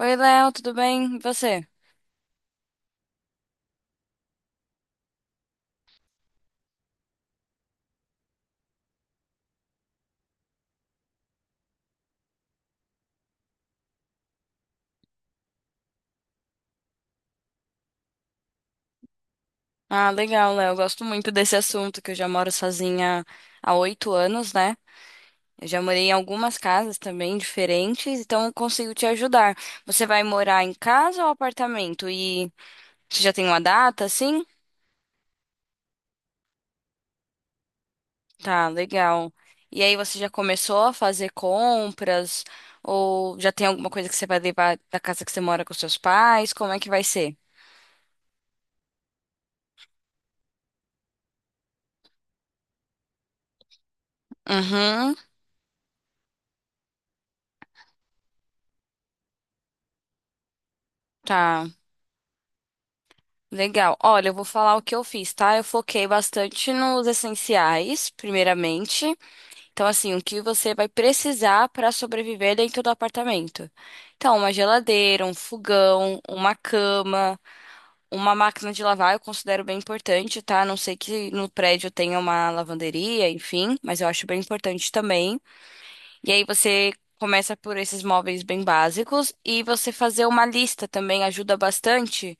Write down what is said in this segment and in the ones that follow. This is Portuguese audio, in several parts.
Oi, Léo, tudo bem? E você? Ah, legal, Léo. Eu gosto muito desse assunto, que eu já moro sozinha há 8 anos, né? Eu já morei em algumas casas também diferentes, então eu consigo te ajudar. Você vai morar em casa ou apartamento? E você já tem uma data, assim? Tá, legal. E aí você já começou a fazer compras? Ou já tem alguma coisa que você vai levar da casa que você mora com seus pais? Como é que vai ser? Uhum, tá. Legal. Olha, eu vou falar o que eu fiz, tá? Eu foquei bastante nos essenciais, primeiramente. Então, assim, o que você vai precisar para sobreviver dentro do apartamento. Então, uma geladeira, um fogão, uma cama, uma máquina de lavar, eu considero bem importante, tá? A não sei que no prédio tenha uma lavanderia, enfim, mas eu acho bem importante também. E aí você começa por esses móveis bem básicos e você fazer uma lista também ajuda bastante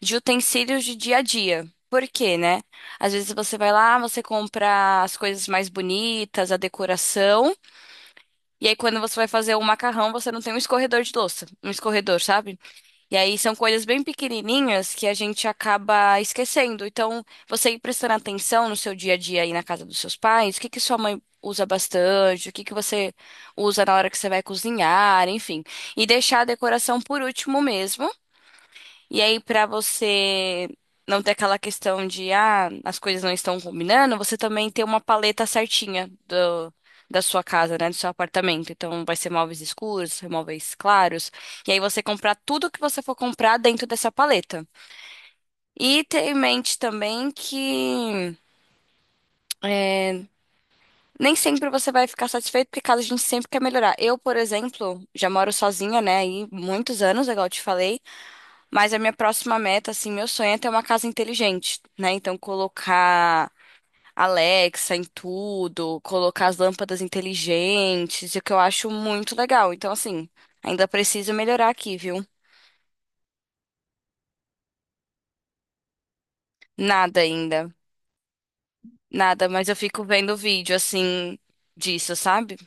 de utensílios de dia a dia. Por quê, né? Às vezes você vai lá, você compra as coisas mais bonitas, a decoração, e aí quando você vai fazer o macarrão, você não tem um escorredor de louça, um escorredor, sabe? E aí são coisas bem pequenininhas que a gente acaba esquecendo. Então, você ir prestando atenção no seu dia a dia aí na casa dos seus pais, o que que sua mãe usa bastante, o que que você usa na hora que você vai cozinhar, enfim. E deixar a decoração por último mesmo e aí, pra você não ter aquela questão de, ah, as coisas não estão combinando, você também tem uma paleta certinha da sua casa, né? Do seu apartamento. Então, vai ser móveis escuros, móveis claros. E aí, você comprar tudo que você for comprar dentro dessa paleta. E ter em mente também que é, nem sempre você vai ficar satisfeito, porque casa a gente sempre quer melhorar. Eu, por exemplo, já moro sozinha, né? Aí muitos anos, igual eu te falei. Mas a minha próxima meta, assim, meu sonho é ter uma casa inteligente, né? Então, colocar Alexa em tudo, colocar as lâmpadas inteligentes, o que eu acho muito legal. Então, assim, ainda preciso melhorar aqui, viu? Nada ainda. Nada, mas eu fico vendo vídeo, assim, disso, sabe?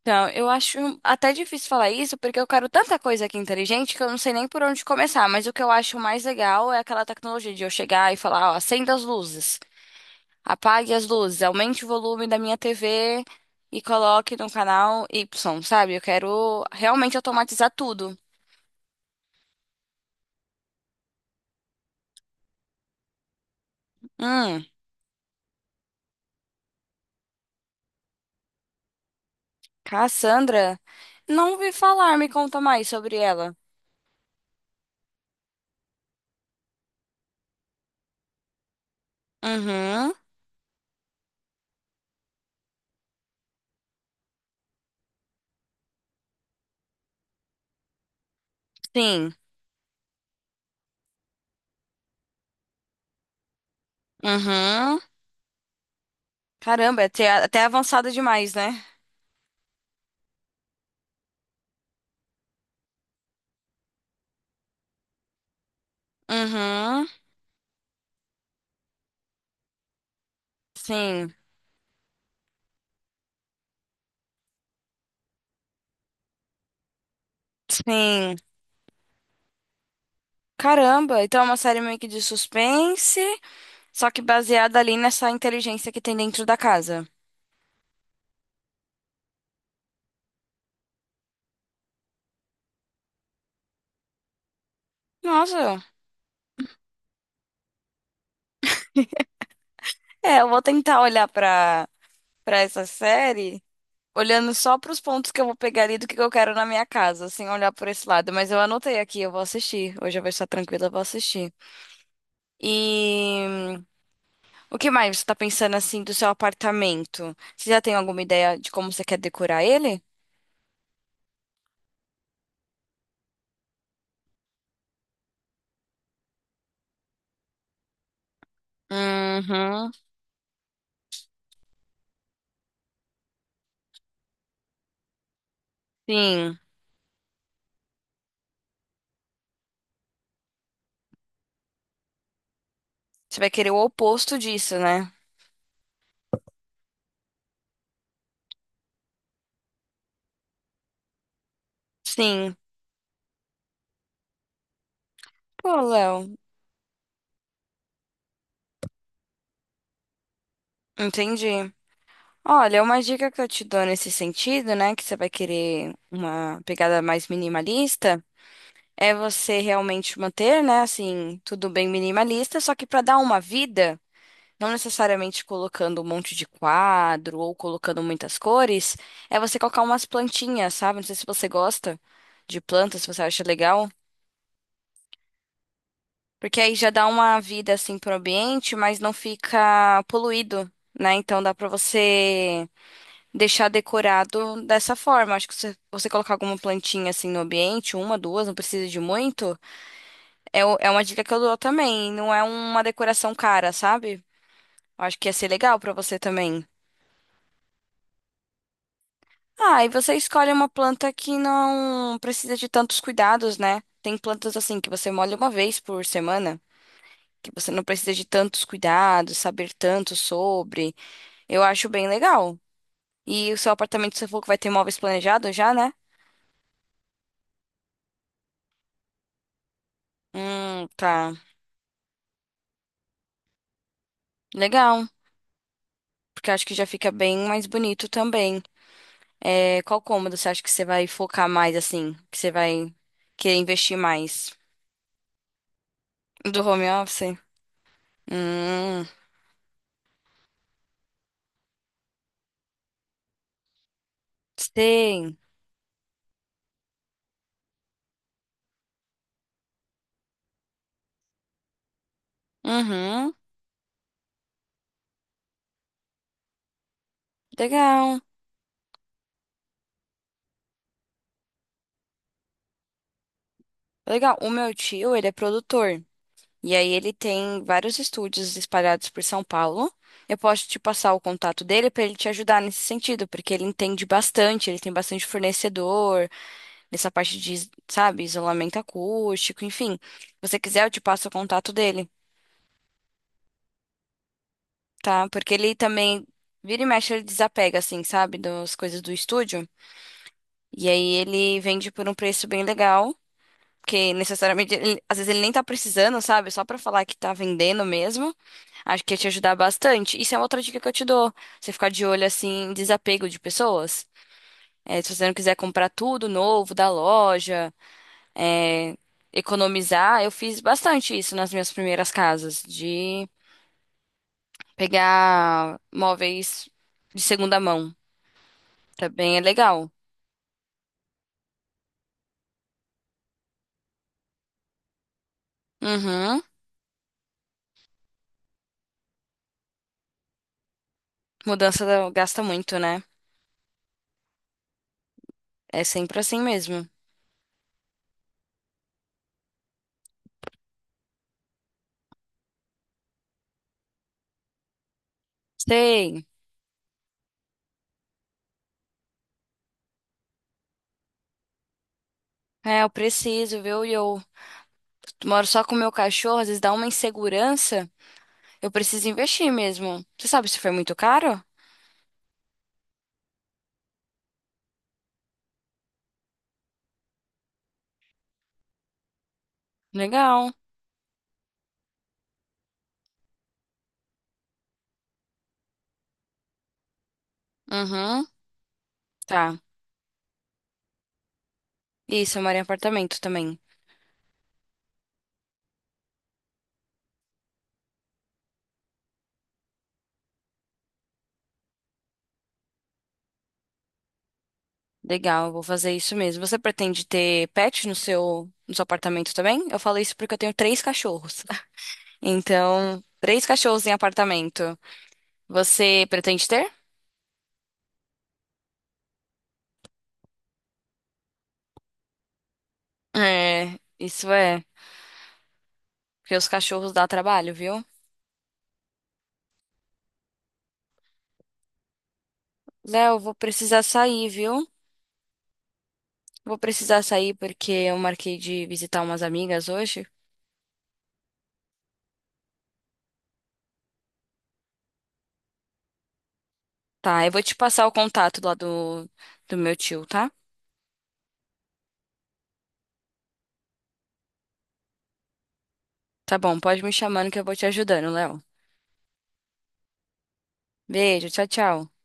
Então, eu acho até difícil falar isso, porque eu quero tanta coisa aqui inteligente que eu não sei nem por onde começar. Mas o que eu acho mais legal é aquela tecnologia de eu chegar e falar, ó, acenda as luzes. Apague as luzes, aumente o volume da minha TV e coloque no canal Y, sabe? Eu quero realmente automatizar tudo. Hum, Cassandra? Não ouvi falar, me conta mais sobre ela. Uhum, sim. Uhum. Caramba, é até, até avançada demais, né? Uhum, sim, sim. Caramba, então é uma série meio que de suspense, só que baseada ali nessa inteligência que tem dentro da casa. Nossa, é, eu vou tentar olhar pra essa série, olhando só pros pontos que eu vou pegar ali do que eu quero na minha casa, sem olhar por esse lado. Mas eu anotei aqui, eu vou assistir. Hoje eu vou estar tranquila, eu vou assistir. E o que mais você tá pensando assim do seu apartamento? Você já tem alguma ideia de como você quer decorar ele? Uhum, sim. Você vai querer o oposto disso, né? Sim. Pô, Léo, entendi. Olha, uma dica que eu te dou nesse sentido, né, que você vai querer uma pegada mais minimalista, é você realmente manter, né, assim, tudo bem minimalista, só que para dar uma vida, não necessariamente colocando um monte de quadro ou colocando muitas cores, é você colocar umas plantinhas, sabe? Não sei se você gosta de plantas, se você acha legal, porque aí já dá uma vida assim pro ambiente, mas não fica poluído, né? Então dá para você deixar decorado dessa forma. Acho que se você colocar alguma plantinha assim no ambiente, uma, duas, não precisa de muito. É, é uma dica que eu dou também. Não é uma decoração cara, sabe? Eu acho que ia ser legal pra você também. Ah, e você escolhe uma planta que não precisa de tantos cuidados, né? Tem plantas assim que você molha uma vez por semana, que você não precisa de tantos cuidados, saber tanto sobre. Eu acho bem legal. E o seu apartamento, você falou que vai ter móveis planejados já, né? Tá. Legal. Porque eu acho que já fica bem mais bonito também. É, qual cômodo você acha que você vai focar mais, assim? Que você vai querer investir mais? Do home office? Hum, sei. Uhum, legal. Legal. O meu tio, ele é produtor. E aí ele tem vários estúdios espalhados por São Paulo. Eu posso te passar o contato dele para ele te ajudar nesse sentido, porque ele entende bastante, ele tem bastante fornecedor, nessa parte de, sabe, isolamento acústico, enfim. Se você quiser, eu te passo o contato dele. Tá? Porque ele também vira e mexe, ele desapega, assim, sabe, das coisas do estúdio. E aí ele vende por um preço bem legal, porque necessariamente, às vezes ele nem tá precisando, sabe? Só pra falar que tá vendendo mesmo. Acho que ia te ajudar bastante. Isso é outra dica que eu te dou. Você ficar de olho, assim, em desapego de pessoas. É, se você não quiser comprar tudo novo da loja, é, economizar, eu fiz bastante isso nas minhas primeiras casas, de pegar móveis de segunda mão. Também é legal. Uhum. Gasta muito, né? É sempre assim mesmo. Sei. É, eu preciso, viu? E eu moro só com o meu cachorro, às vezes dá uma insegurança. Eu preciso investir mesmo. Você sabe se foi muito caro? Legal. Uhum. Tá. Isso, eu moro em apartamento também. Legal, eu vou fazer isso mesmo. Você pretende ter pet no seu, no seu apartamento também? Eu falo isso porque eu tenho 3 cachorros. Então, 3 cachorros em apartamento. Você pretende ter? É, isso é. Porque os cachorros dá trabalho, viu? Léo, vou precisar sair, viu? Vou precisar sair porque eu marquei de visitar umas amigas hoje. Tá, eu vou te passar o contato lá do, do meu tio, tá? Tá bom, pode me chamando que eu vou te ajudando, Léo. Beijo, tchau, tchau.